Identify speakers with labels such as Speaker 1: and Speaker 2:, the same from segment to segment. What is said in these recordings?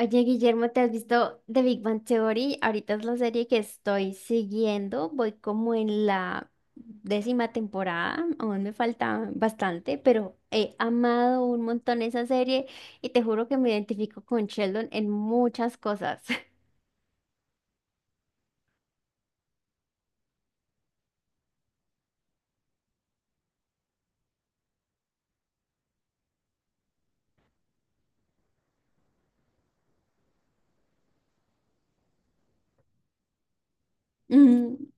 Speaker 1: Oye, Guillermo, ¿te has visto The Big Bang Theory? Ahorita es la serie que estoy siguiendo. Voy como en la décima temporada. Aún me falta bastante, pero he amado un montón esa serie y te juro que me identifico con Sheldon en muchas cosas. Mm.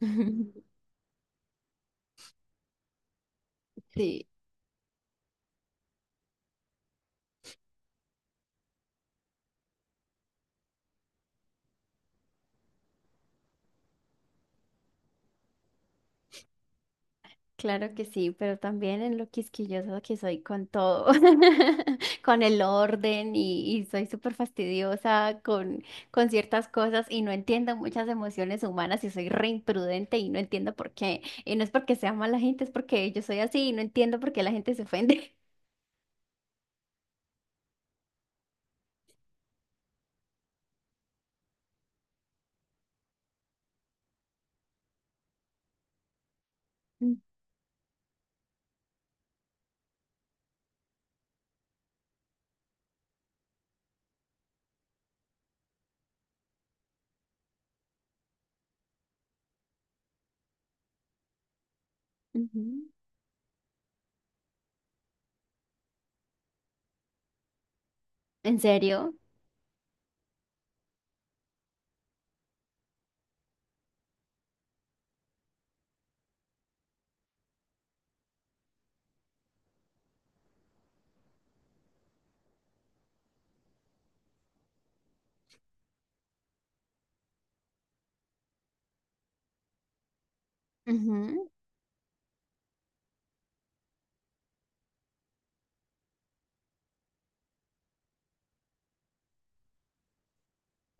Speaker 1: Sí. Claro que sí, pero también en lo quisquilloso que soy con todo, con el orden y soy súper fastidiosa con ciertas cosas y no entiendo muchas emociones humanas y soy re imprudente y no entiendo por qué. Y no es porque sea mala gente, es porque yo soy así y no entiendo por qué la gente se ofende. Mm, ujú. ¿En serio?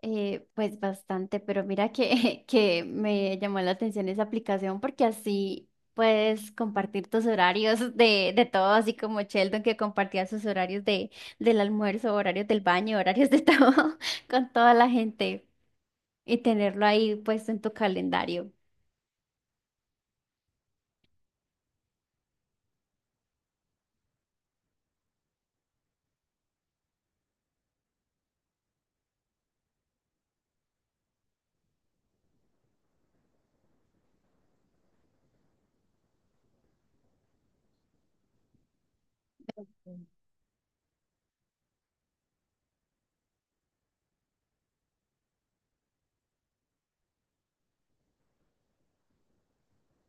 Speaker 1: Pues bastante, pero mira que, que me llamó la atención esa aplicación porque así puedes compartir tus horarios de todo, así como Sheldon que compartía sus horarios de, del almuerzo, horarios del baño, horarios de todo con toda la gente y tenerlo ahí puesto en tu calendario.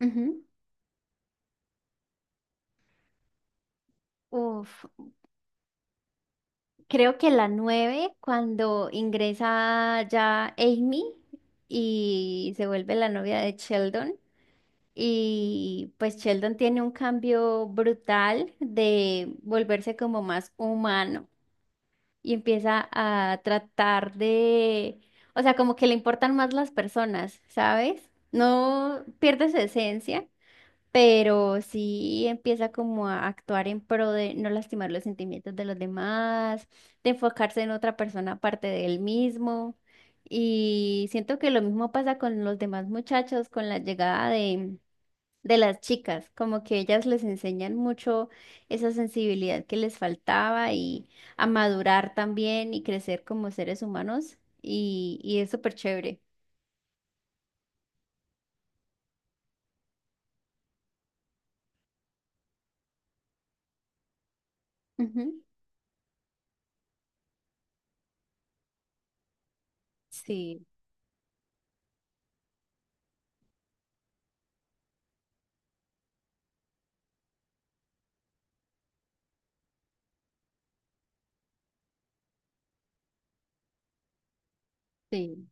Speaker 1: Ujú. Uf, creo que la 9 cuando ingresa ya Amy y se vuelve la novia de Sheldon. Y pues Sheldon tiene un cambio brutal de volverse como más humano y empieza a tratar de, o sea, como que le importan más las personas, ¿sabes? No pierde su esencia, pero sí empieza como a actuar en pro de no lastimar los sentimientos de los demás, de enfocarse en otra persona aparte de él mismo. Y siento que lo mismo pasa con los demás muchachos, con la llegada de las chicas, como que ellas les enseñan mucho esa sensibilidad que les faltaba y a madurar también y crecer como seres humanos y es súper chévere. Ujú. Sí, sí.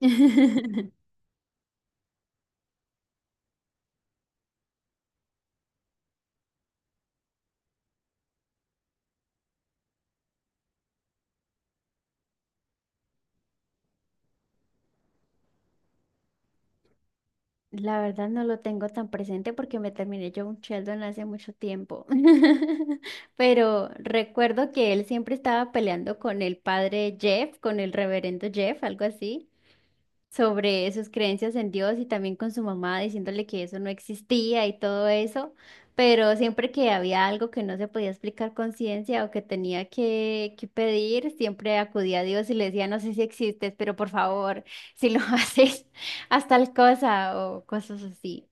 Speaker 1: La verdad no lo tengo tan presente porque me terminé yo un Sheldon hace mucho tiempo. Pero recuerdo que él siempre estaba peleando con el padre Jeff, con el reverendo Jeff, algo así, sobre sus creencias en Dios y también con su mamá diciéndole que eso no existía y todo eso, pero siempre que había algo que no se podía explicar con ciencia o que tenía que pedir, siempre acudía a Dios y le decía: no sé si existes, pero por favor, si lo haces, haz tal cosa o cosas así.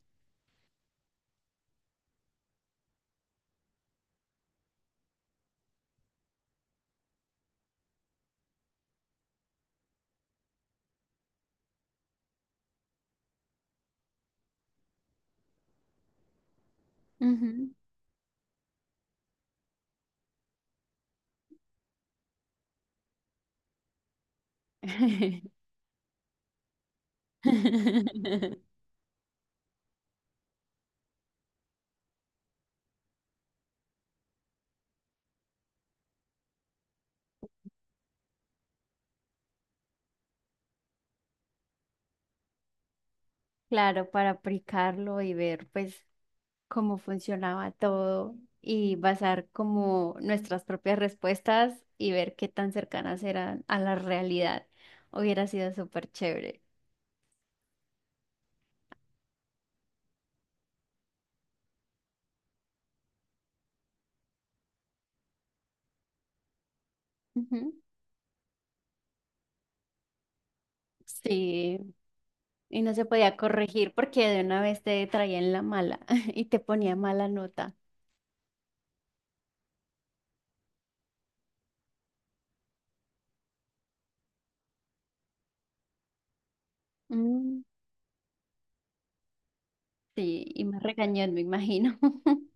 Speaker 1: Ujú. Claro, para aplicarlo y ver, pues, cómo funcionaba todo y basar como nuestras propias respuestas y ver qué tan cercanas eran a la realidad. Hubiera sido súper chévere. Ujú. Sí, y no se podía corregir porque de una vez te traían la mala y te ponía mala nota. Mm, sí, y me regañó, me imagino.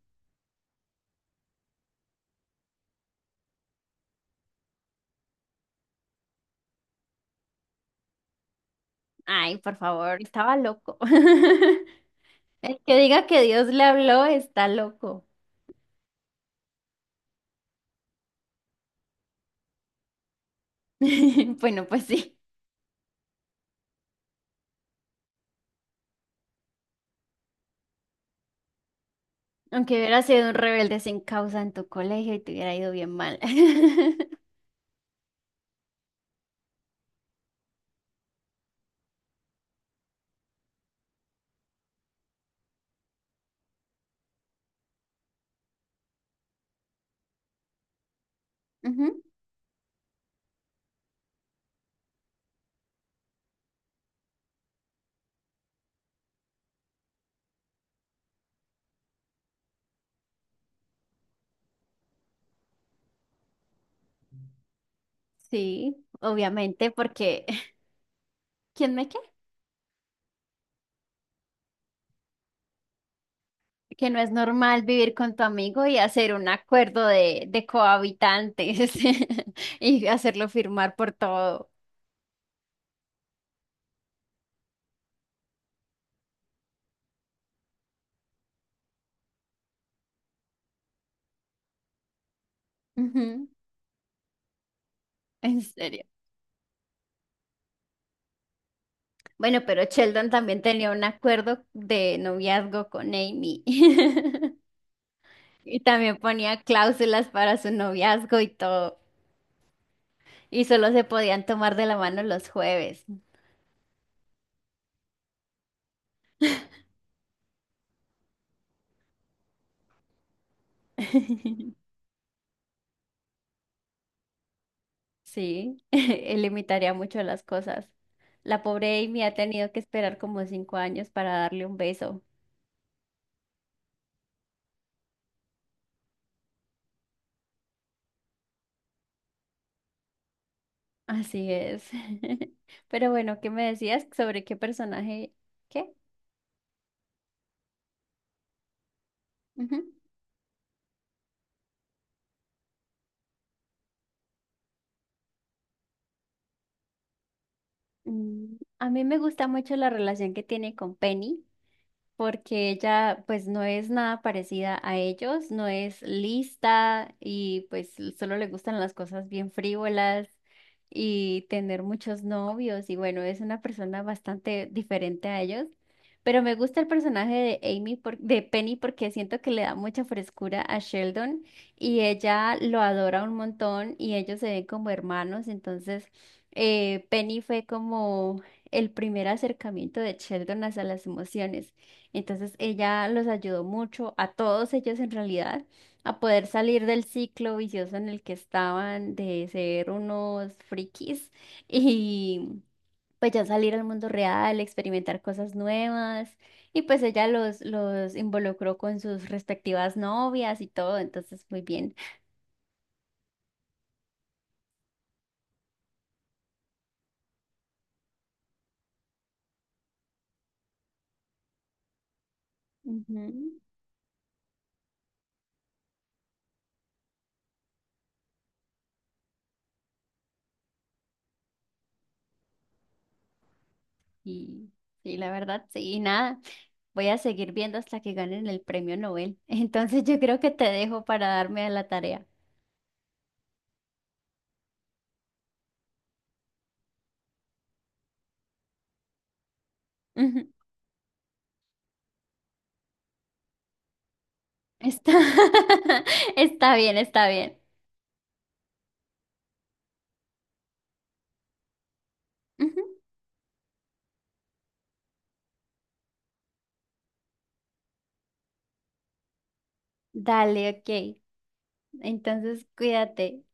Speaker 1: Ay, por favor, estaba loco. El que diga que Dios le habló está loco. Bueno, pues sí. Aunque hubiera sido un rebelde sin causa en tu colegio y te hubiera ido bien mal. Ujú. Sí, obviamente, porque ¿quién me qué? Que no es normal vivir con tu amigo y hacer un acuerdo de cohabitantes y hacerlo firmar por todo. Ujú. En serio. Bueno, pero Sheldon también tenía un acuerdo de noviazgo con Amy. Y también ponía cláusulas para su noviazgo y todo. Y solo se podían tomar de la mano los jueves. Sí, él limitaría mucho las cosas. La pobre Amy ha tenido que esperar como 5 años para darle un beso. Así es. Pero bueno, ¿qué me decías sobre qué personaje? ¿Qué? Ujú. Mm, a mí me gusta mucho la relación que tiene con Penny, porque ella pues no es nada parecida a ellos, no es lista y pues solo le gustan las cosas bien frívolas y tener muchos novios y, bueno, es una persona bastante diferente a ellos. Pero me gusta el personaje de Amy por- de Penny porque siento que le da mucha frescura a Sheldon y ella lo adora un montón y ellos se ven como hermanos. Entonces, Penny fue como el primer acercamiento de Sheldon hacia las emociones. Entonces ella los ayudó mucho a todos ellos en realidad a poder salir del ciclo vicioso en el que estaban de ser unos frikis y pues ya salir al mundo real, experimentar cosas nuevas y pues ella los involucró con sus respectivas novias y todo, entonces muy bien. Ujú. Y, y la verdad, sí, y nada. Voy a seguir viendo hasta que ganen el premio Nobel. Entonces yo creo que te dejo para darme a la tarea. Ujú. Está, está bien, está bien. Ujú. Dale, ok. Entonces, cuídate.